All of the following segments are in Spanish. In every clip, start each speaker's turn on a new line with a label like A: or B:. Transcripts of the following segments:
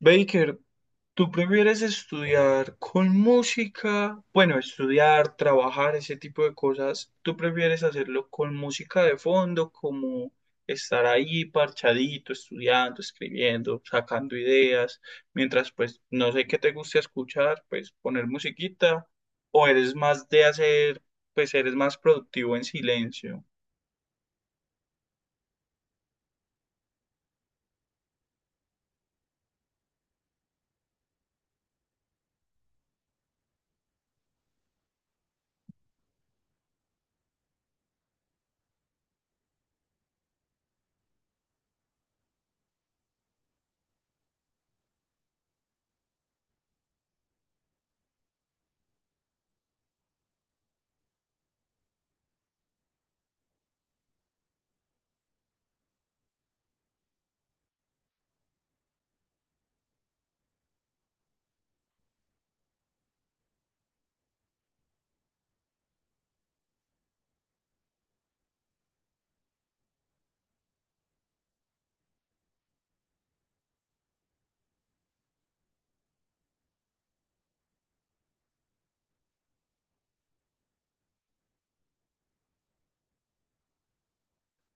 A: Baker, ¿tú prefieres estudiar con música? Bueno, estudiar, trabajar, ese tipo de cosas. ¿Tú prefieres hacerlo con música de fondo, como estar ahí parchadito, estudiando, escribiendo, sacando ideas, mientras pues no sé qué te gusta escuchar, pues poner musiquita? ¿O eres más de hacer, pues eres más productivo en silencio?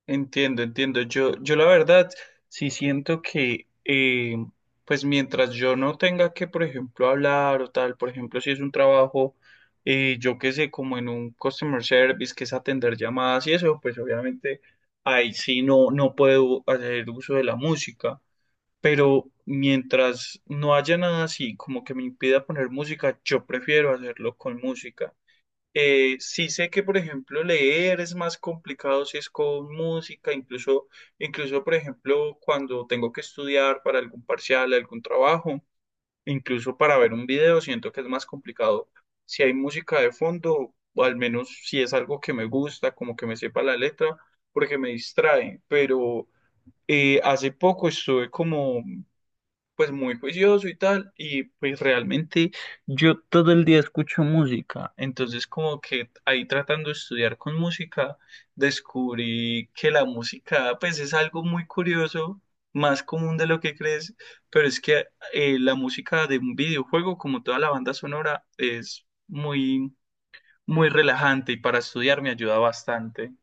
A: Entiendo, entiendo. Yo la verdad sí siento que, pues mientras yo no tenga que, por ejemplo, hablar o tal, por ejemplo, si es un trabajo, yo qué sé, como en un customer service, que es atender llamadas y eso, pues obviamente ahí sí no puedo hacer uso de la música. Pero mientras no haya nada así como que me impida poner música, yo prefiero hacerlo con música. Sí sé que, por ejemplo, leer es más complicado si es con música, incluso, por ejemplo, cuando tengo que estudiar para algún parcial, algún trabajo, incluso para ver un video, siento que es más complicado si hay música de fondo, o al menos si es algo que me gusta, como que me sepa la letra, porque me distrae. Pero hace poco estuve como pues muy juicioso y tal, y pues realmente yo todo el día escucho música, entonces como que ahí tratando de estudiar con música, descubrí que la música pues es algo muy curioso, más común de lo que crees, pero es que la música de un videojuego, como toda la banda sonora, es muy, muy relajante y para estudiar me ayuda bastante.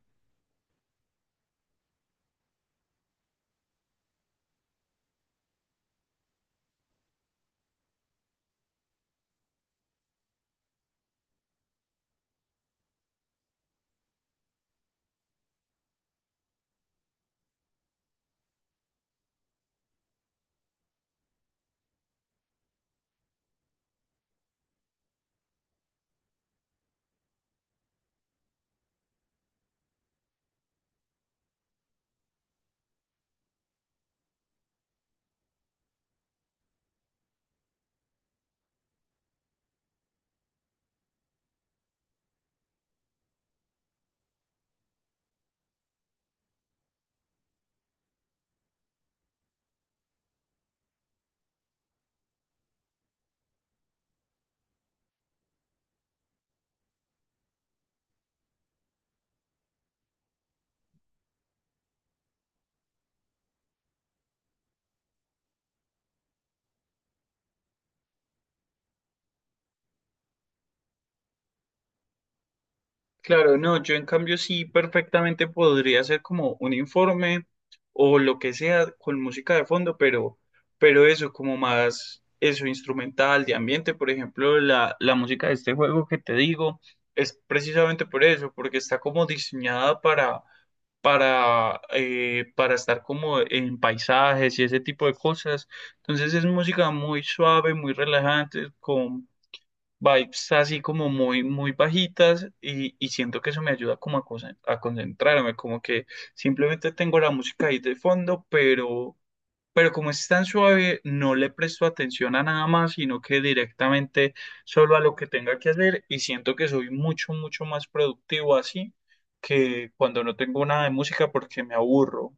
A: Claro, no, yo en cambio sí perfectamente podría hacer como un informe o lo que sea con música de fondo, pero eso como más, eso instrumental, de ambiente, por ejemplo, la música de este juego que te digo es precisamente por eso, porque está como diseñada para estar como en paisajes y ese tipo de cosas. Entonces es música muy suave, muy relajante, con vibes así como muy, muy bajitas y siento que eso me ayuda como a, a concentrarme, como que simplemente tengo la música ahí de fondo, pero como es tan suave, no le presto atención a nada más, sino que directamente solo a lo que tenga que hacer y siento que soy mucho, mucho más productivo así que cuando no tengo nada de música porque me aburro.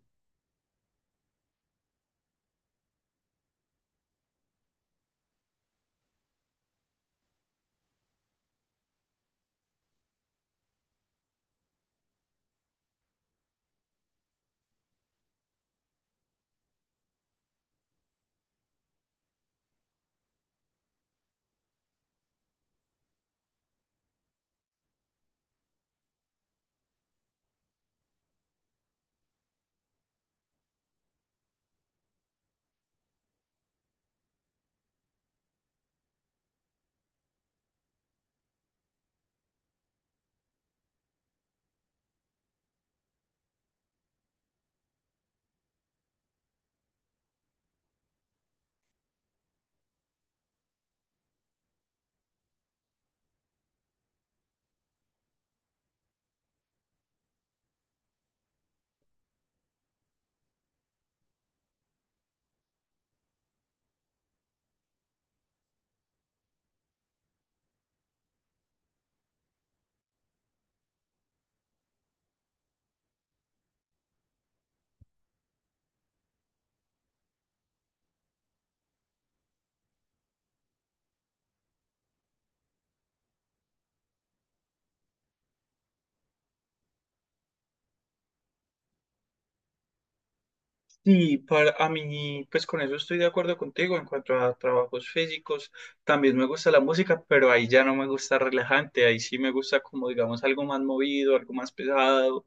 A: Sí, para a mí, pues con eso estoy de acuerdo contigo en cuanto a trabajos físicos. También me gusta la música, pero ahí ya no me gusta relajante. Ahí sí me gusta como, digamos, algo más movido, algo más pesado.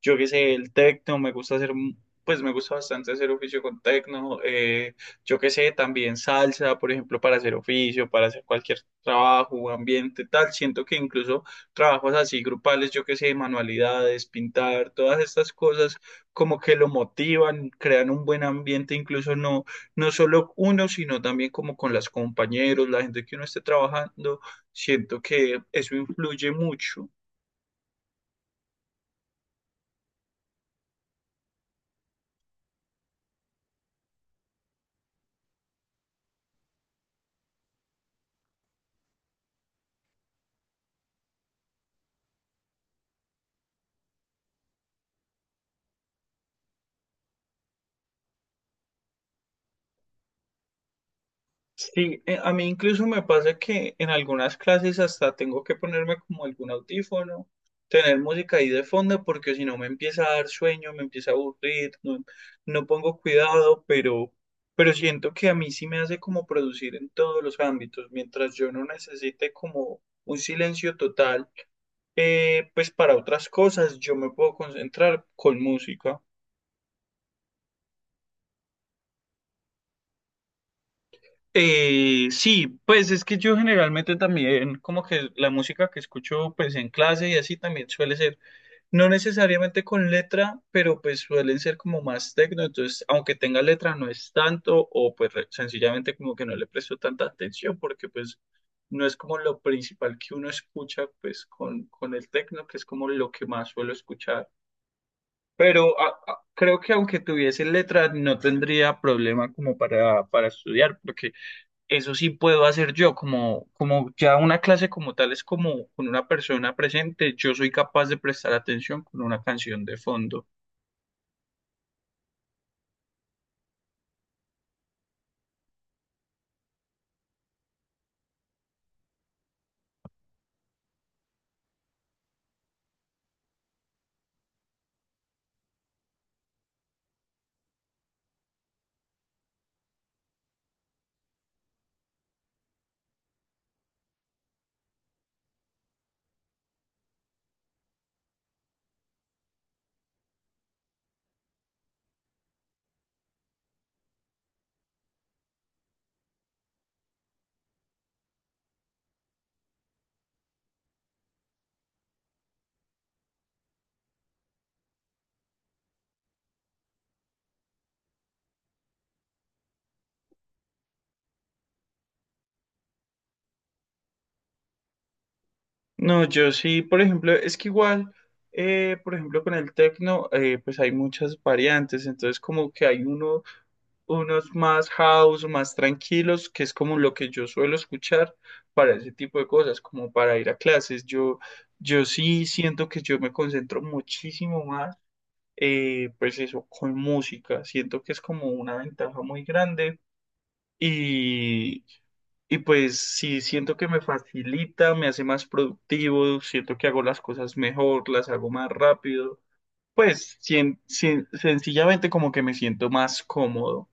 A: Yo qué sé, el tecno, me gusta hacer, pues me gusta bastante hacer oficio con tecno, yo qué sé, también salsa, por ejemplo, para hacer oficio, para hacer cualquier trabajo, ambiente, tal. Siento que incluso trabajos así grupales, yo qué sé, manualidades, pintar, todas estas cosas como que lo motivan, crean un buen ambiente, incluso no, no solo uno, sino también como con los compañeros, la gente que uno esté trabajando. Siento que eso influye mucho. Sí, a mí incluso me pasa que en algunas clases hasta tengo que ponerme como algún audífono, tener música ahí de fondo, porque si no me empieza a dar sueño, me empieza a aburrir, no pongo cuidado, pero siento que a mí sí me hace como producir en todos los ámbitos, mientras yo no necesite como un silencio total, pues para otras cosas yo me puedo concentrar con música. Sí, pues es que yo generalmente también, como que la música que escucho pues en clase y así también suele ser, no necesariamente con letra, pero pues suelen ser como más tecno, entonces aunque tenga letra no es tanto o pues sencillamente como que no le presto tanta atención porque pues no es como lo principal que uno escucha pues con el tecno, que es como lo que más suelo escuchar. Pero creo que aunque tuviese letra no tendría problema como para estudiar porque eso sí puedo hacer yo, como, como ya una clase como tal es como con una persona presente, yo soy capaz de prestar atención con una canción de fondo. No, yo sí, por ejemplo, es que igual, por ejemplo, con el techno, pues hay muchas variantes, entonces como que hay uno, unos más house, más tranquilos, que es como lo que yo suelo escuchar para ese tipo de cosas, como para ir a clases. Yo sí siento que yo me concentro muchísimo más pues eso, con música. Siento que es como una ventaja muy grande y, y pues sí, siento que me facilita, me hace más productivo, siento que hago las cosas mejor, las hago más rápido. Pues sencillamente como que me siento más cómodo.